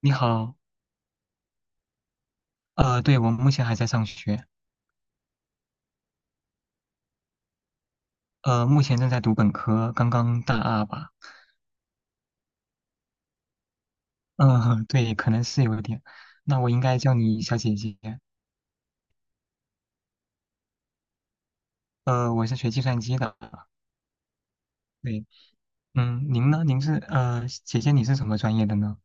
你好，对，我目前还在上学，目前正在读本科，刚刚大二吧，嗯、对，可能是有点，那我应该叫你小姐姐，我是学计算机的，对，嗯，您呢？您是姐姐你是什么专业的呢？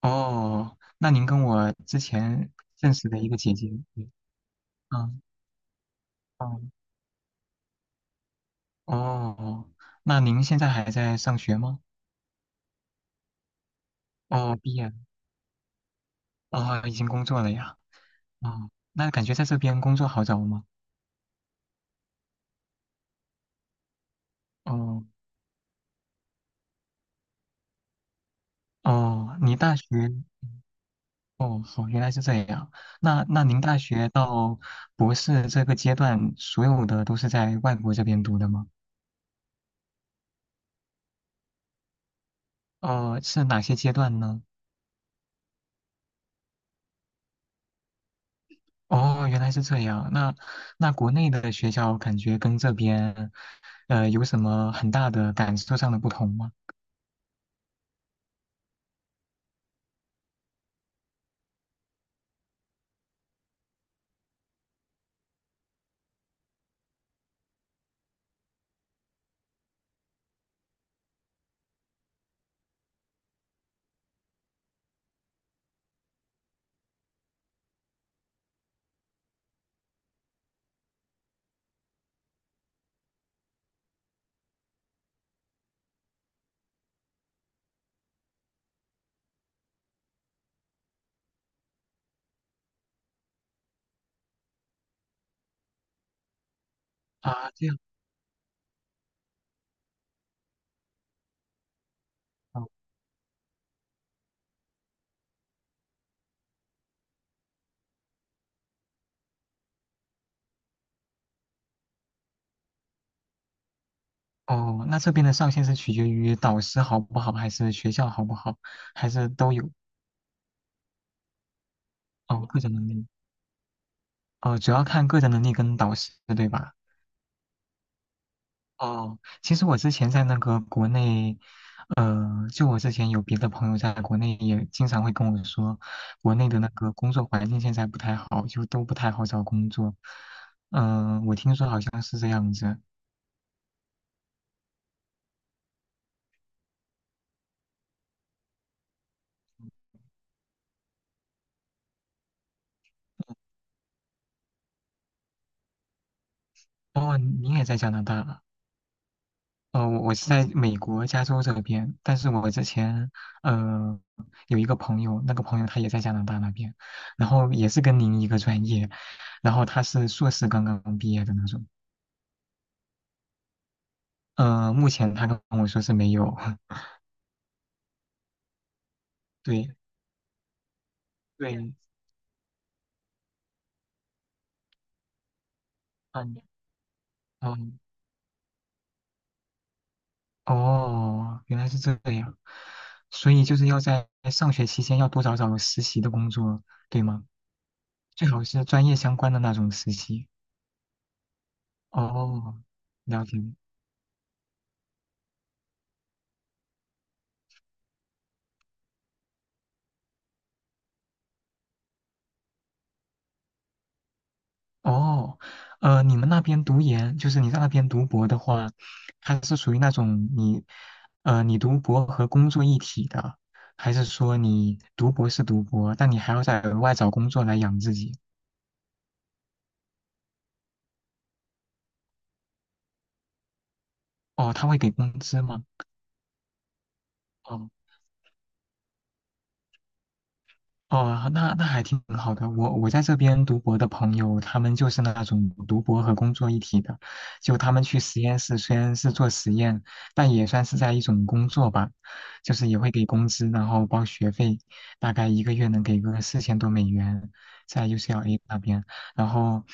哦，那您跟我之前认识的一个姐姐，对，嗯，哦，哦，那您现在还在上学吗？哦，毕业了哦，已经工作了呀，哦，那感觉在这边工作好找吗？哦。哦，你大学哦，好，原来是这样。那那您大学到博士这个阶段，所有的都是在外国这边读的吗？哦，是哪些阶段呢？哦，原来是这样。那国内的学校感觉跟这边，有什么很大的感受上的不同吗？啊，这样。哦，哦那这边的上限是取决于导师好不好，还是学校好不好，还是都有？哦，个人能力。哦，主要看个人能力跟导师，对吧？哦，其实我之前在那个国内，呃，就我之前有别的朋友在国内也经常会跟我说，国内的那个工作环境现在不太好，就都不太好找工作。嗯、我听说好像是这样子。哦，你也在加拿大啊哦，我是在美国加州这边，但是我之前呃有一个朋友，那个朋友他也在加拿大那边，然后也是跟您一个专业，然后他是硕士刚刚毕业的那种。目前他跟我说是没有，对对，嗯嗯，哦，原来是这样，所以就是要在上学期间要多找找实习的工作，对吗？最好是专业相关的那种实习。哦，了解哦，你们那边读研，就是你在那边读博的话，它是属于那种你，你读博和工作一体的，还是说你读博是读博，但你还要再额外找工作来养自己？哦，他会给工资吗？哦，哦，那还挺好的。我在这边读博的朋友，他们就是那种读博和工作一体的，就他们去实验室虽然是做实验，但也算是在一种工作吧，就是也会给工资，然后包学费，大概一个月能给个四千多美元，在 UCLA 那边。然后，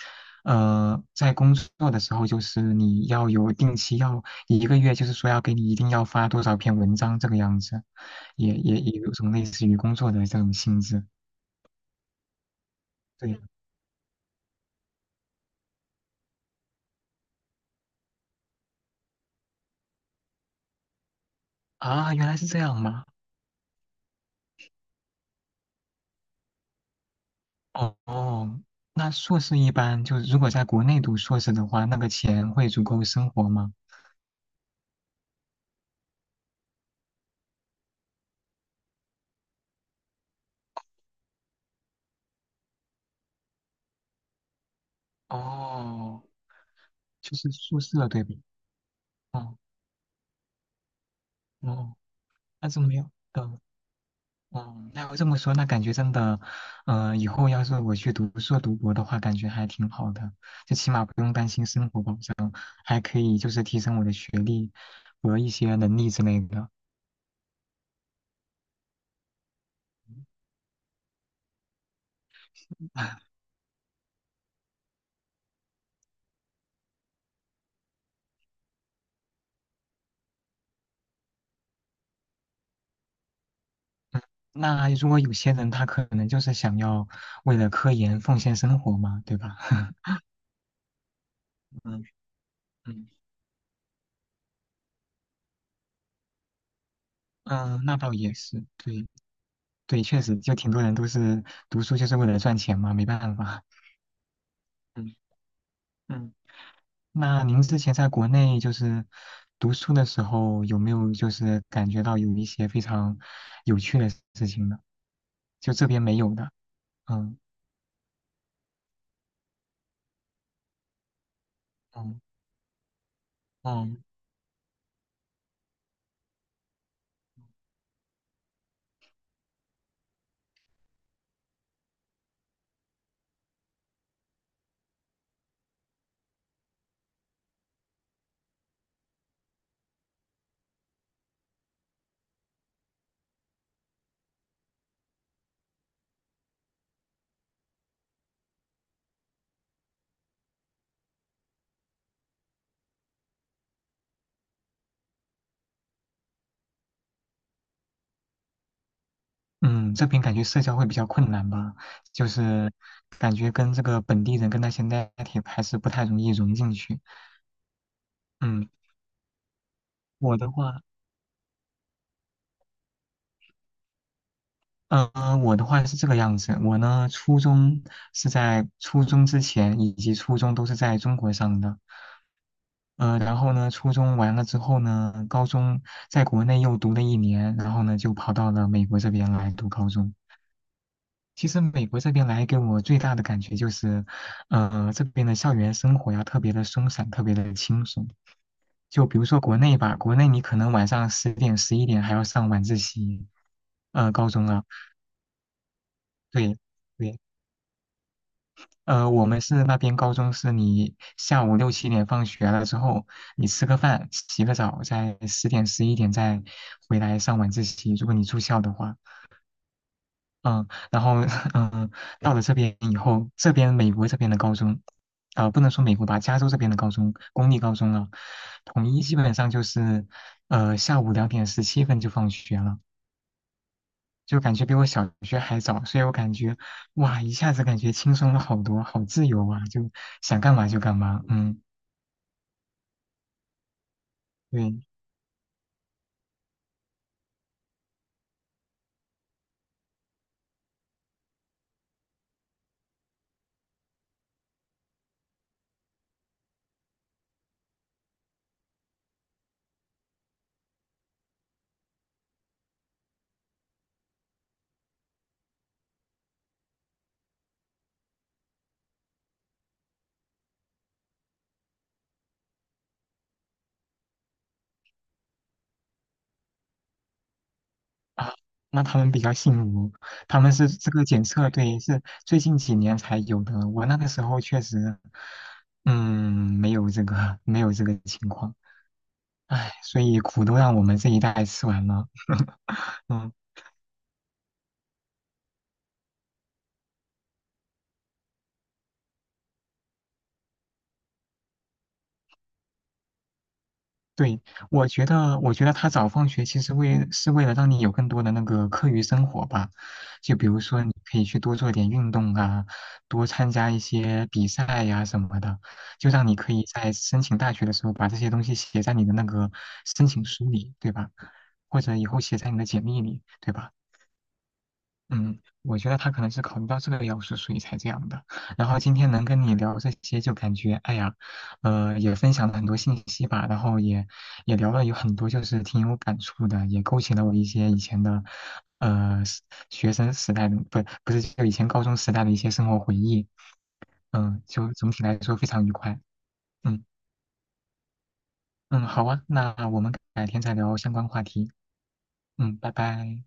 在工作的时候，就是你要有定期要一个月，就是说要给你一定要发多少篇文章这个样子，也有种类似于工作的这种性质。对啊，原来是这样吗？哦哦，那硕士一般就是如果在国内读硕士的话，那个钱会足够生活吗？哦，就是宿舍对吧？哦哦，那这么样的，嗯哦，那要这么说，那感觉真的，以后要是我去读硕读博的话，感觉还挺好的，就起码不用担心生活保障，还可以就是提升我的学历和一些能力之类的。那如果有些人他可能就是想要为了科研奉献生活嘛，对吧？嗯嗯嗯，那倒也是，对对，确实就挺多人都是读书就是为了赚钱嘛，没办法。嗯嗯，那您之前在国内就是读书的时候，有没有就是感觉到有一些非常有趣的事情呢？就这边没有的。嗯嗯嗯。嗯，这边感觉社交会比较困难吧，就是感觉跟这个本地人跟那些 native 还是不太容易融进去。嗯，我的话，呃，我的话是这个样子，我呢初中是在初中之前以及初中都是在中国上的，然后呢初中完了之后呢，高中在国内又读了一年，然后呢就跑到了美国这边来读高中。其实美国这边来给我最大的感觉就是，这边的校园生活呀特别的松散，特别的轻松。就比如说国内吧，国内你可能晚上十点、十一点还要上晚自习，高中啊，对对，我们是那边高中是你下午六七点放学了之后，你吃个饭、洗个澡，在十点、十一点再回来上晚自习，如果你住校的话。嗯，然后，嗯、到了这边以后，这边美国这边的高中，啊、不能说美国吧，加州这边的高中，公立高中了，统一基本上就是，下午2:17就放学了，就感觉比我小学还早，所以我感觉，哇，一下子感觉轻松了好多，好自由啊，就想干嘛就干嘛，嗯，对，啊，那他们比较幸福，他们是这个检测，对，是最近几年才有的。我那个时候确实，嗯，没有这个，没有这个情况。唉，所以苦都让我们这一代吃完了。嗯。对，我觉得，我觉得他早放学其实为了让你有更多的那个课余生活吧，就比如说你可以去多做点运动啊，多参加一些比赛呀、什么的，就让你可以在申请大学的时候把这些东西写在你的那个申请书里，对吧？或者以后写在你的简历里，对吧？嗯，我觉得他可能是考虑到这个要素，所以才这样的。然后今天能跟你聊这些，就感觉哎呀，也分享了很多信息吧，然后也聊了有很多，就是挺有感触的，也勾起了我一些以前的，呃，时学生时代的，不是就以前高中时代的一些生活回忆。嗯，就总体来说非常愉快。嗯嗯，好啊，那我们改天再聊相关话题。嗯，拜拜。